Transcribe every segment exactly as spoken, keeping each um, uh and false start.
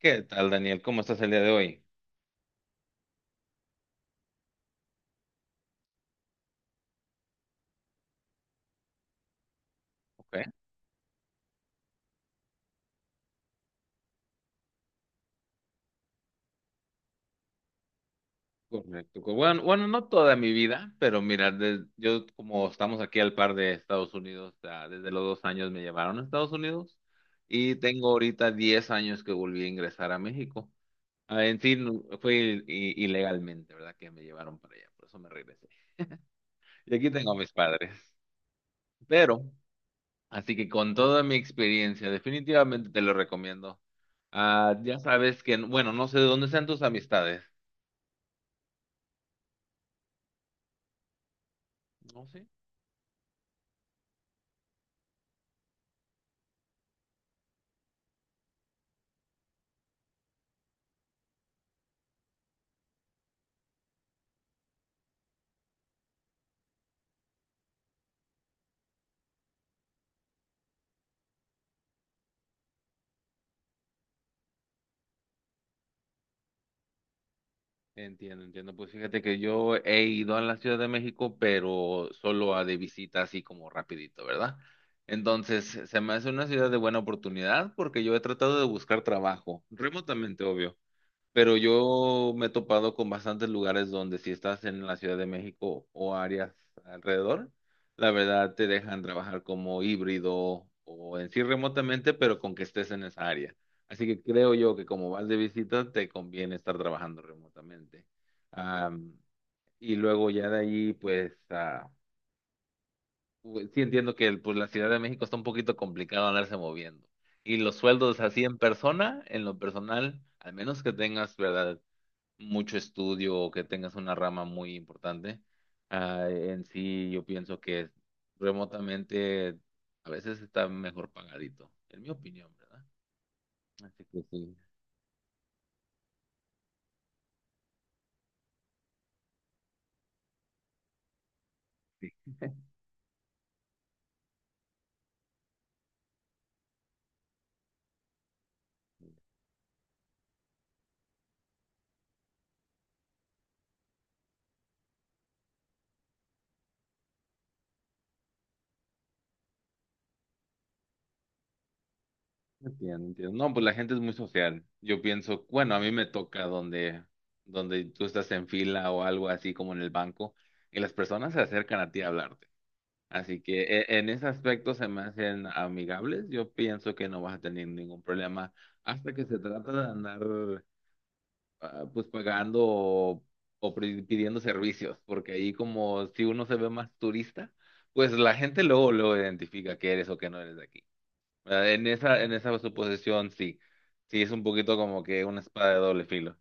¿Qué tal, Daniel? ¿Cómo estás el día de hoy? Ok, correcto. Co- Bueno, bueno, no toda mi vida, pero mira, de- yo como estamos aquí al par de Estados Unidos, ah, desde los dos años me llevaron a Estados Unidos y tengo ahorita diez años que volví a ingresar a México. Ah, en sí, no- fue i- i- ilegalmente, ¿verdad? Que me llevaron para allá, por eso me regresé. Y aquí tengo a mis padres. Pero, así que con toda mi experiencia, definitivamente te lo recomiendo. Ah, ya sabes que, bueno, no sé de dónde sean tus amistades. No sé. Entiendo, entiendo. Pues fíjate que yo he ido a la Ciudad de México, pero solo a de visita así como rapidito, ¿verdad? Entonces, se me hace una ciudad de buena oportunidad porque yo he tratado de buscar trabajo, remotamente, obvio. Pero yo me he topado con bastantes lugares donde si estás en la Ciudad de México o áreas alrededor, la verdad te dejan trabajar como híbrido o en sí remotamente, pero con que estés en esa área. Así que creo yo que como vas de visita, te conviene estar trabajando remotamente. Am, y luego ya de ahí, pues ah, pues, sí entiendo que el- pues, la Ciudad de México está un poquito complicado andarse moviendo. Y los sueldos así en persona, en lo personal, al menos que tengas, ¿verdad? Mucho estudio o que tengas una rama muy importante. Ah, en sí, yo pienso que remotamente a veces está mejor pagadito, en mi opinión, ¿verdad? Así que sí, entiendo, entiendo. No, pues la gente es muy social. Yo pienso, bueno, a mí me toca donde, donde tú estás en fila o algo así como en el banco y las personas se acercan a ti a hablarte. Así que e- en ese aspecto se me hacen amigables. Yo pienso que no vas a tener ningún problema hasta que se trata de andar ah, pues pagando o, o pri- pidiendo servicios, porque ahí como si uno se ve más turista, pues la gente luego lo identifica que eres o que no eres de aquí. ¿Verdad? En esa, en esa suposición sí, sí es un poquito como que una espada de doble filo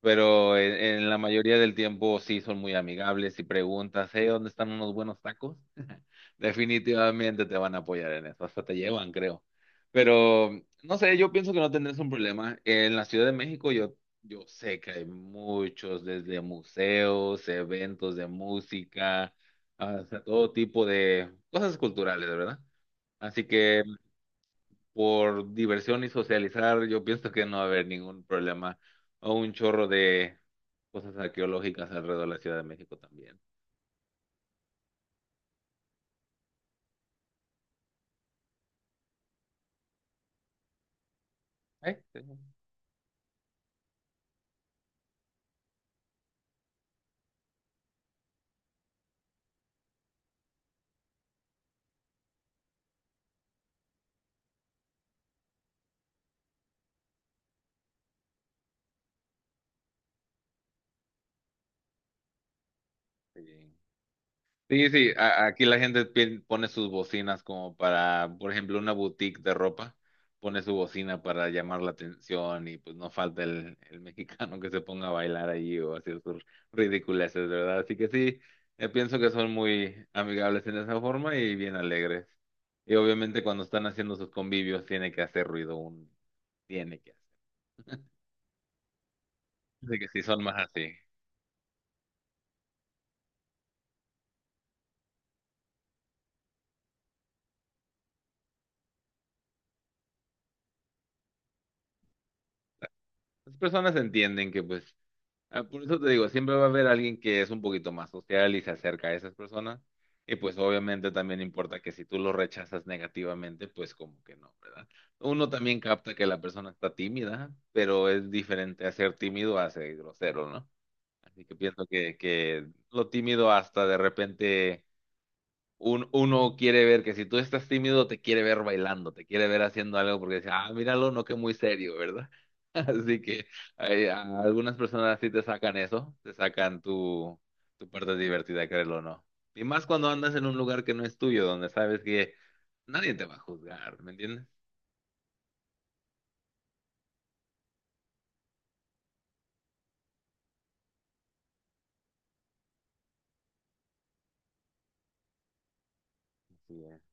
pero en, en la mayoría del tiempo sí son muy amigables y preguntas, ¿eh? ¿Dónde están unos buenos tacos? Definitivamente te van a apoyar en eso, hasta te llevan, creo. Pero no sé, yo pienso que no tendrás un problema. En la Ciudad de México yo, yo sé que hay muchos, desde museos, eventos de música, hasta todo tipo de cosas culturales, ¿verdad? Así que por diversión y socializar, yo pienso que no va a haber ningún problema o un chorro de cosas arqueológicas alrededor de la Ciudad de México también. ¿Eh? Sí. Sí. Sí, sí, a- aquí la gente pi- pone sus bocinas como para, por ejemplo, una boutique de ropa, pone su bocina para llamar la atención y pues no falta el, el mexicano que se ponga a bailar allí o hacer sus ridiculeces, ¿verdad? Así que sí, eh, pienso que son muy amigables en esa forma y bien alegres. Y obviamente cuando están haciendo sus convivios tiene que hacer ruido, un tiene que hacer. Así que sí, son más así. Las personas entienden que pues Ah, por eso te digo, siempre va a haber alguien que es un poquito más social y se acerca a esas personas. Y pues obviamente también importa que si tú lo rechazas negativamente, pues como que no, ¿verdad? Uno también capta que la persona está tímida, pero es diferente a ser tímido a ser grosero, ¿no? Así que pienso que, que lo tímido hasta de repente un- uno quiere ver que si tú estás tímido, te quiere ver bailando, te quiere ver haciendo algo porque dice, ah, míralo, no que muy serio, ¿verdad? Así que ay, a algunas personas sí te sacan eso, te sacan tu, tu parte divertida, créelo o no. Y más cuando andas en un lugar que no es tuyo, donde sabes que nadie te va a juzgar, ¿me entiendes? Así es.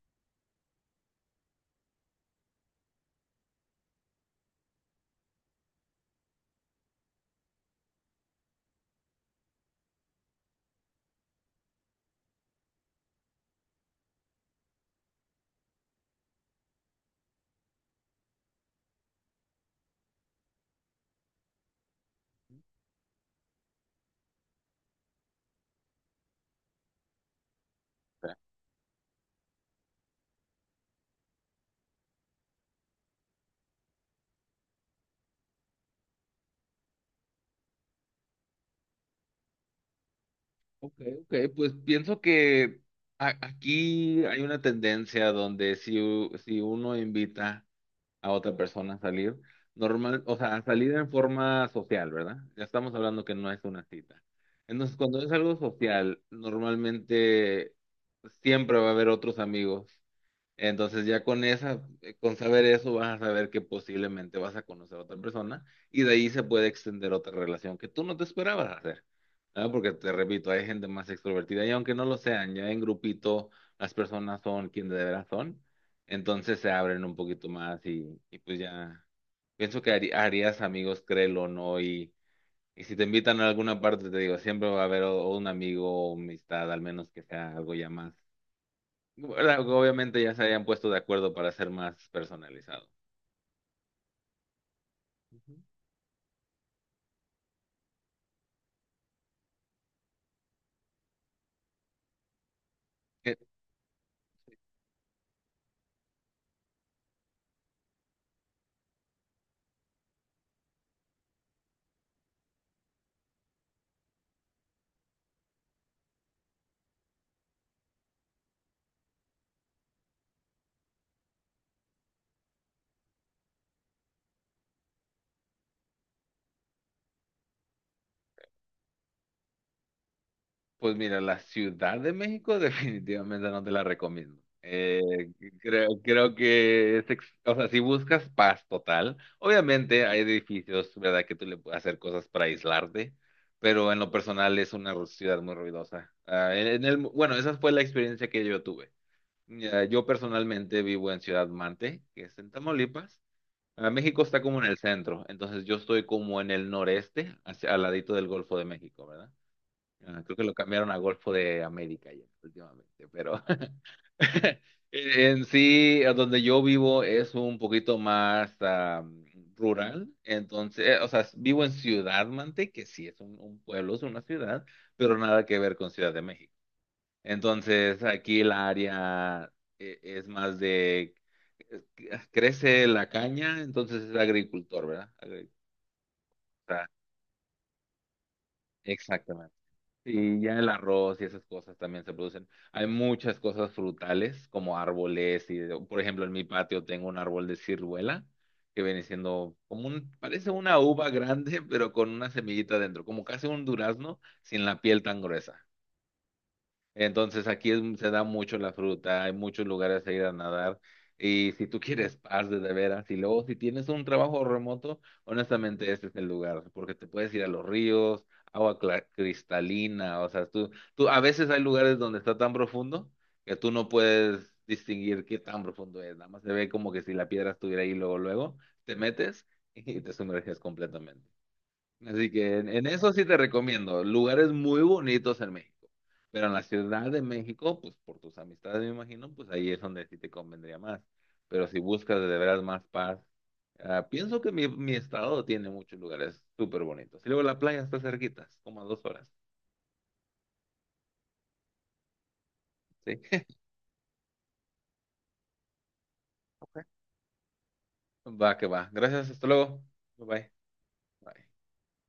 Ok, ok, pues pienso que a- aquí hay una tendencia donde si, u- si uno invita a otra persona a salir. Normal, o sea, a salir en forma social, ¿verdad? Ya estamos hablando que no es una cita. Entonces, cuando es algo social, normalmente siempre va a haber otros amigos entonces ya con esa, eh, con saber eso, vas a saber que posiblemente vas a conocer a otra persona y de ahí se puede extender otra relación que tú no te esperabas hacer. ¿Verdad? Porque te repito, hay gente más extrovertida y aunque no lo sean, ya en grupito las personas son quien de veras son, entonces se abren un poquito más y, y pues ya pienso que harí- harías amigos, créelo o no, y, y si te invitan a alguna parte, te digo, siempre va a haber o- o un amigo o amistad, al menos que sea algo ya más bueno, obviamente ya se habían puesto de acuerdo para ser más personalizado. Ujú. Eh, Pues mira, la Ciudad de México definitivamente no te la recomiendo. Eh, creo, creo que es, ex- o sea, si buscas paz total, obviamente hay edificios, ¿verdad? Que tú le puedes hacer cosas para aislarte, pero en lo personal es una ru- ciudad muy ruidosa. Ah, en, en el, bueno, esa fue la experiencia que yo tuve. Ya, yo personalmente vivo en Ciudad Mante, que es en Tamaulipas. Ah, México está como en el centro, entonces yo estoy como en el noreste, hacia- al ladito del Golfo de México, ¿verdad? Ah, creo que lo cambiaron a Golfo de América ya últimamente, pero en sí, a donde yo vivo es un poquito más ah, rural, entonces, eh, o sea, vivo en Ciudad Mante, que sí es un, un pueblo, es una ciudad, pero nada que ver con Ciudad de México. Entonces, aquí la área eh, es más de, crece la caña, entonces es agricultor, ¿verdad? Agricultura, exactamente. Y ya el arroz y esas cosas también se producen. Hay muchas cosas frutales, como árboles, y por ejemplo, en mi patio tengo un árbol de ciruela, que viene siendo como un, parece una uva grande, pero con una semillita dentro, como casi un durazno sin la piel tan gruesa. Entonces aquí es- se da mucho la fruta, hay muchos lugares a ir a nadar y si tú quieres paz de de veras y luego si tienes un trabajo remoto, honestamente este es el lugar porque te puedes ir a los ríos, agua cla- cristalina, o sea, tú, tú a veces hay lugares donde está tan profundo que tú no puedes distinguir qué tan profundo es, nada más se ve como que si la piedra estuviera ahí luego luego te metes y te sumerges completamente. Así que en, en eso sí te recomiendo. Lugares muy bonitos en México. Pero en la Ciudad de México, pues por tus amistades me imagino, pues ahí es donde sí te convendría más. Pero si buscas de veras más paz, ah, pienso que mi, mi estado tiene muchos lugares súper bonitos. Y luego la playa está cerquita, es como a dos horas. Sí. Ok. Va que va. Gracias, hasta luego. Bye bye. Bye.